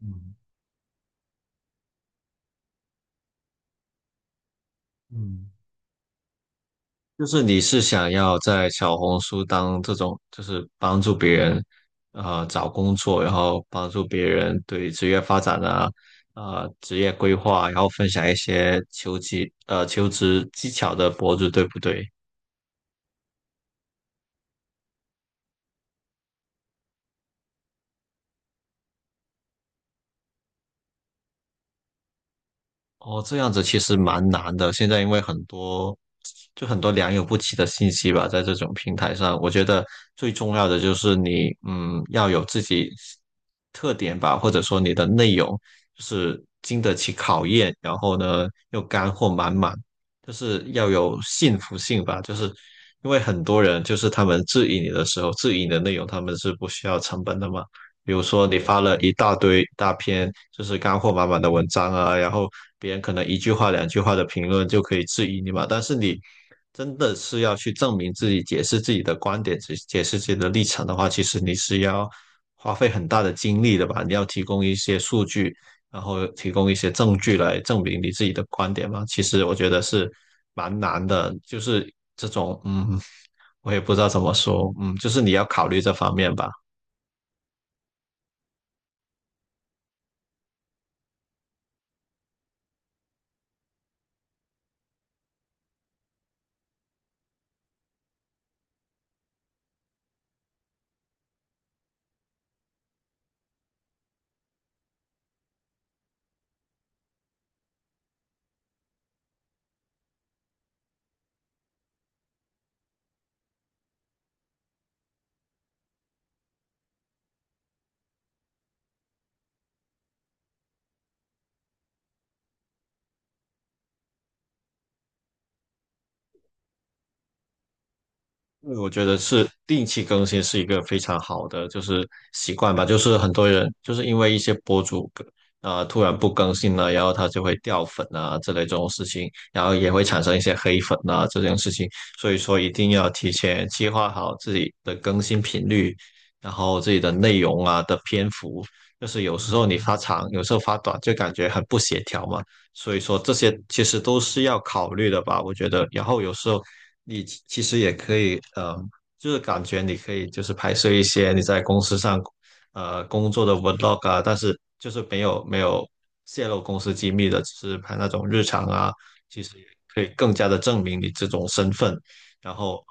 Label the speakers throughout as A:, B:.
A: 嗯嗯，就是你是想要在小红书当这种，就是帮助别人，找工作，然后帮助别人对职业发展啊，职业规划，然后分享一些求职技巧的博主，对不对？哦，这样子其实蛮难的。现在因为很多良莠不齐的信息吧，在这种平台上，我觉得最重要的就是你，要有自己特点吧，或者说你的内容就是经得起考验，然后呢又干货满满，就是要有信服性吧。就是因为很多人就是他们质疑你的时候，质疑你的内容，他们是不需要成本的嘛。比如说你发了一大堆大篇就是干货满满的文章啊，然后别人可能一句话两句话的评论就可以质疑你嘛，但是你真的是要去证明自己、解释自己的观点、解释自己的立场的话，其实你是要花费很大的精力的吧？你要提供一些数据，然后提供一些证据来证明你自己的观点嘛。其实我觉得是蛮难的，就是这种我也不知道怎么说，就是你要考虑这方面吧。因为我觉得是定期更新是一个非常好的就是习惯吧，就是很多人就是因为一些博主啊、突然不更新了，然后他就会掉粉啊之类这种事情，然后也会产生一些黑粉啊这件事情，所以说一定要提前计划好自己的更新频率，然后自己的内容啊的篇幅，就是有时候你发长，有时候发短，就感觉很不协调嘛。所以说这些其实都是要考虑的吧，我觉得。然后有时候你其实也可以，就是感觉你可以就是拍摄一些你在公司上，工作的 vlog 啊，但是就是没有泄露公司机密的，只是拍那种日常啊，其实也可以更加的证明你这种身份。然后，呃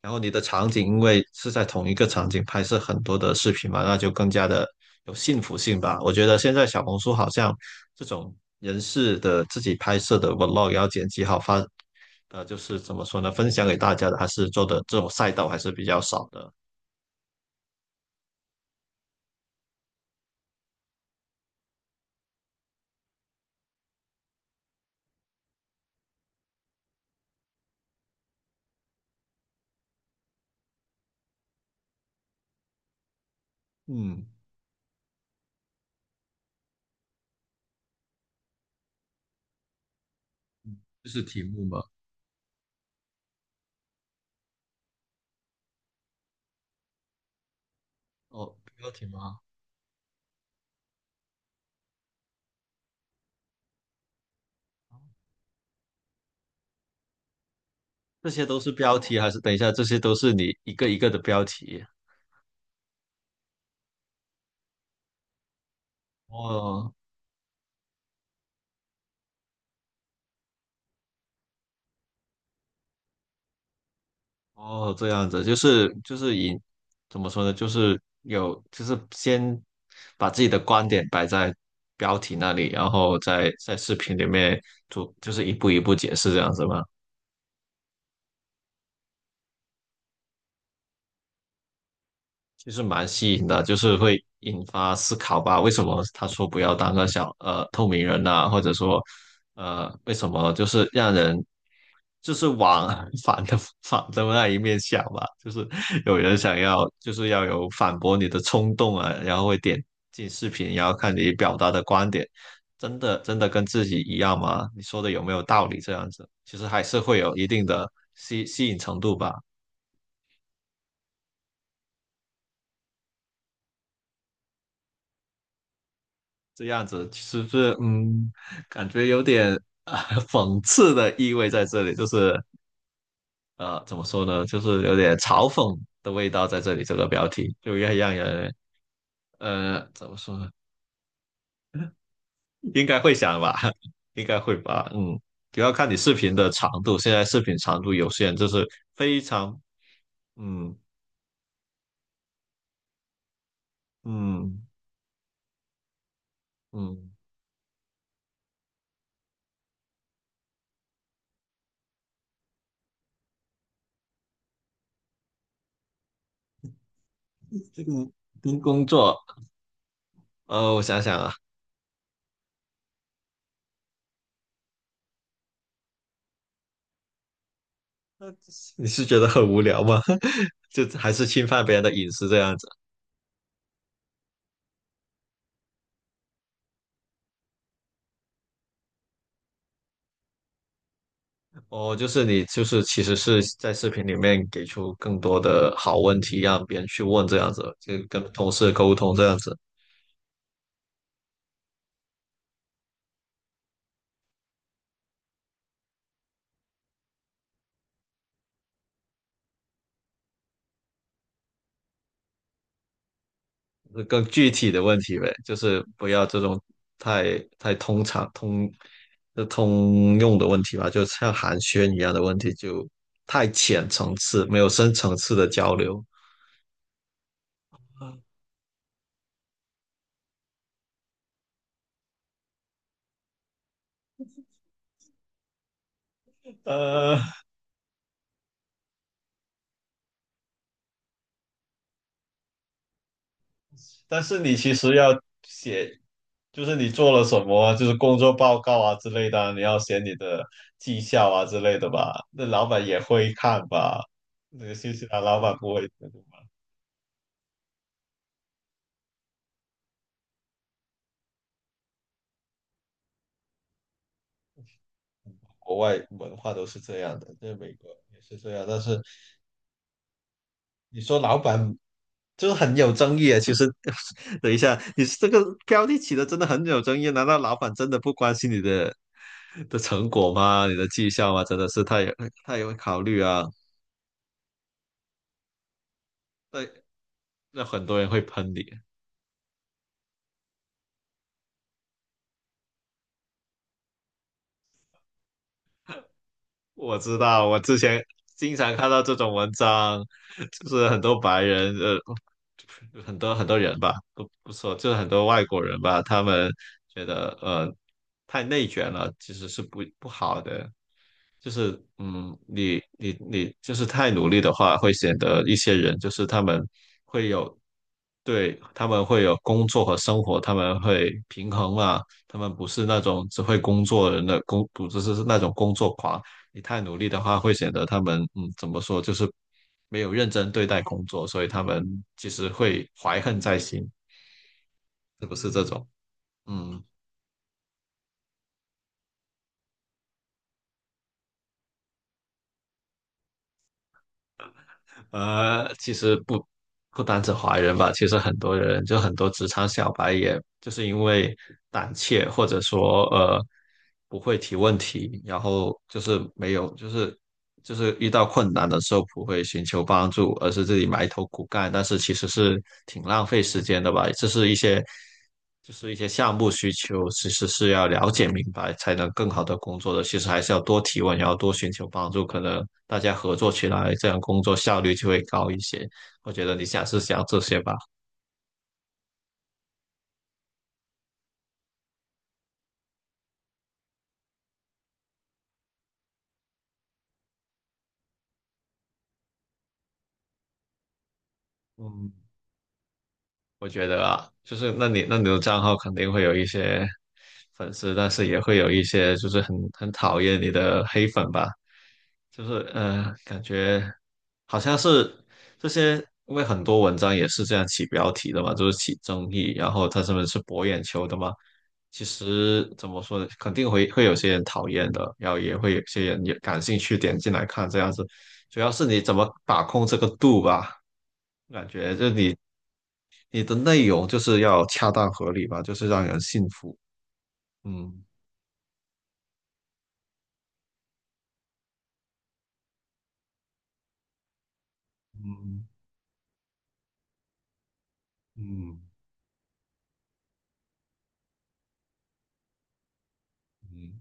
A: 然后你的场景因为是在同一个场景拍摄很多的视频嘛，那就更加的有幸福性吧。我觉得现在小红书好像这种人事的自己拍摄的 vlog 要剪辑好发，就是怎么说呢，分享给大家的，还是做的这种赛道还是比较少的。嗯，这是题目吗？哦，标题吗？这些都是标题，还是等一下，这些都是你一个一个的标题？哦哦，这样子，就是以怎么说呢，就是有就是先把自己的观点摆在标题那里，然后在视频里面做，就是一步一步解释这样子吗？其实蛮吸引的，就是会引发思考吧。为什么他说不要当个小透明人呐、或者说，为什么就是让人就是往 反的反的那一面想吧？就是有人想要就是要有反驳你的冲动啊，然后会点进视频，然后看你表达的观点，真的真的跟自己一样吗？你说的有没有道理？这样子其实还是会有一定的吸引程度吧。这样子是不是感觉有点讽刺的意味在这里，就是怎么说呢，就是有点嘲讽的味道在这里。这个标题就要让人怎么说呢，应该会想吧，应该会吧，主要看你视频的长度。现在视频长度有限，就是非常嗯嗯嗯，这个跟工作我想想啊，你是觉得很无聊吗？就还是侵犯别人的隐私这样子？哦，就是你，就是其实是在视频里面给出更多的好问题，让别人去问这样子，就跟同事沟通这样子，更具体的问题呗，就是不要这种太通常通就通用的问题吧，就像寒暄一样的问题，就太浅层次，没有深层次的交流。呃，但是你其实要写，就是你做了什么啊就是工作报告啊之类的啊你要写你的绩效啊之类的吧？那老板也会看吧？那个新西兰老板不会，国外文化都是这样的，在美国也是这样。但是你说老板就是很有争议啊。其实，等一下，你这个标题起的真的很有争议啊。难道老板真的不关心你的成果吗？你的绩效吗？真的是他也会考虑啊。对，那很多人会喷你。我知道，我之前经常看到这种文章，就是很多白人，很多很多人吧，不说，就是很多外国人吧，他们觉得太内卷了，其实是不好的。就是你就是太努力的话，会显得一些人就是他们会有，对，他们会有工作和生活，他们会平衡嘛，他们不是那种只会工作人的工，不是那种工作狂。你太努力的话，会显得他们怎么说，就是没有认真对待工作，所以他们其实会怀恨在心，是不是这种？嗯，其实不单指华人吧，其实很多人就很多职场小白，也就是因为胆怯或者说不会提问题，然后就是没有就是遇到困难的时候不会寻求帮助，而是自己埋头苦干，但是其实是挺浪费时间的吧。这是一些项目需求，其实是要了解明白才能更好的工作的。其实还是要多提问，然后多寻求帮助，可能大家合作起来，这样工作效率就会高一些。我觉得你下次想这些吧。嗯，我觉得啊，就是那你的账号肯定会有一些粉丝，但是也会有一些就是很讨厌你的黑粉吧，就是感觉好像是这些，因为很多文章也是这样起标题的嘛，就是起争议，然后他们是博眼球的嘛。其实怎么说呢，肯定会有些人讨厌的，然后也会有些人也感兴趣点进来看这样子，主要是你怎么把控这个度吧。感觉就你的内容就是要恰当合理吧，就是让人信服。嗯嗯嗯嗯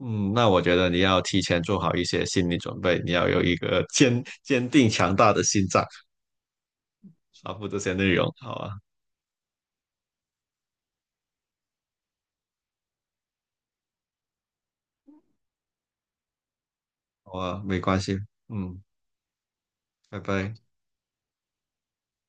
A: 那我觉得你要提前做好一些心理准备，你要有一个坚定强大的心脏，发布这些内容。好啊，好啊，没关系。嗯，拜拜。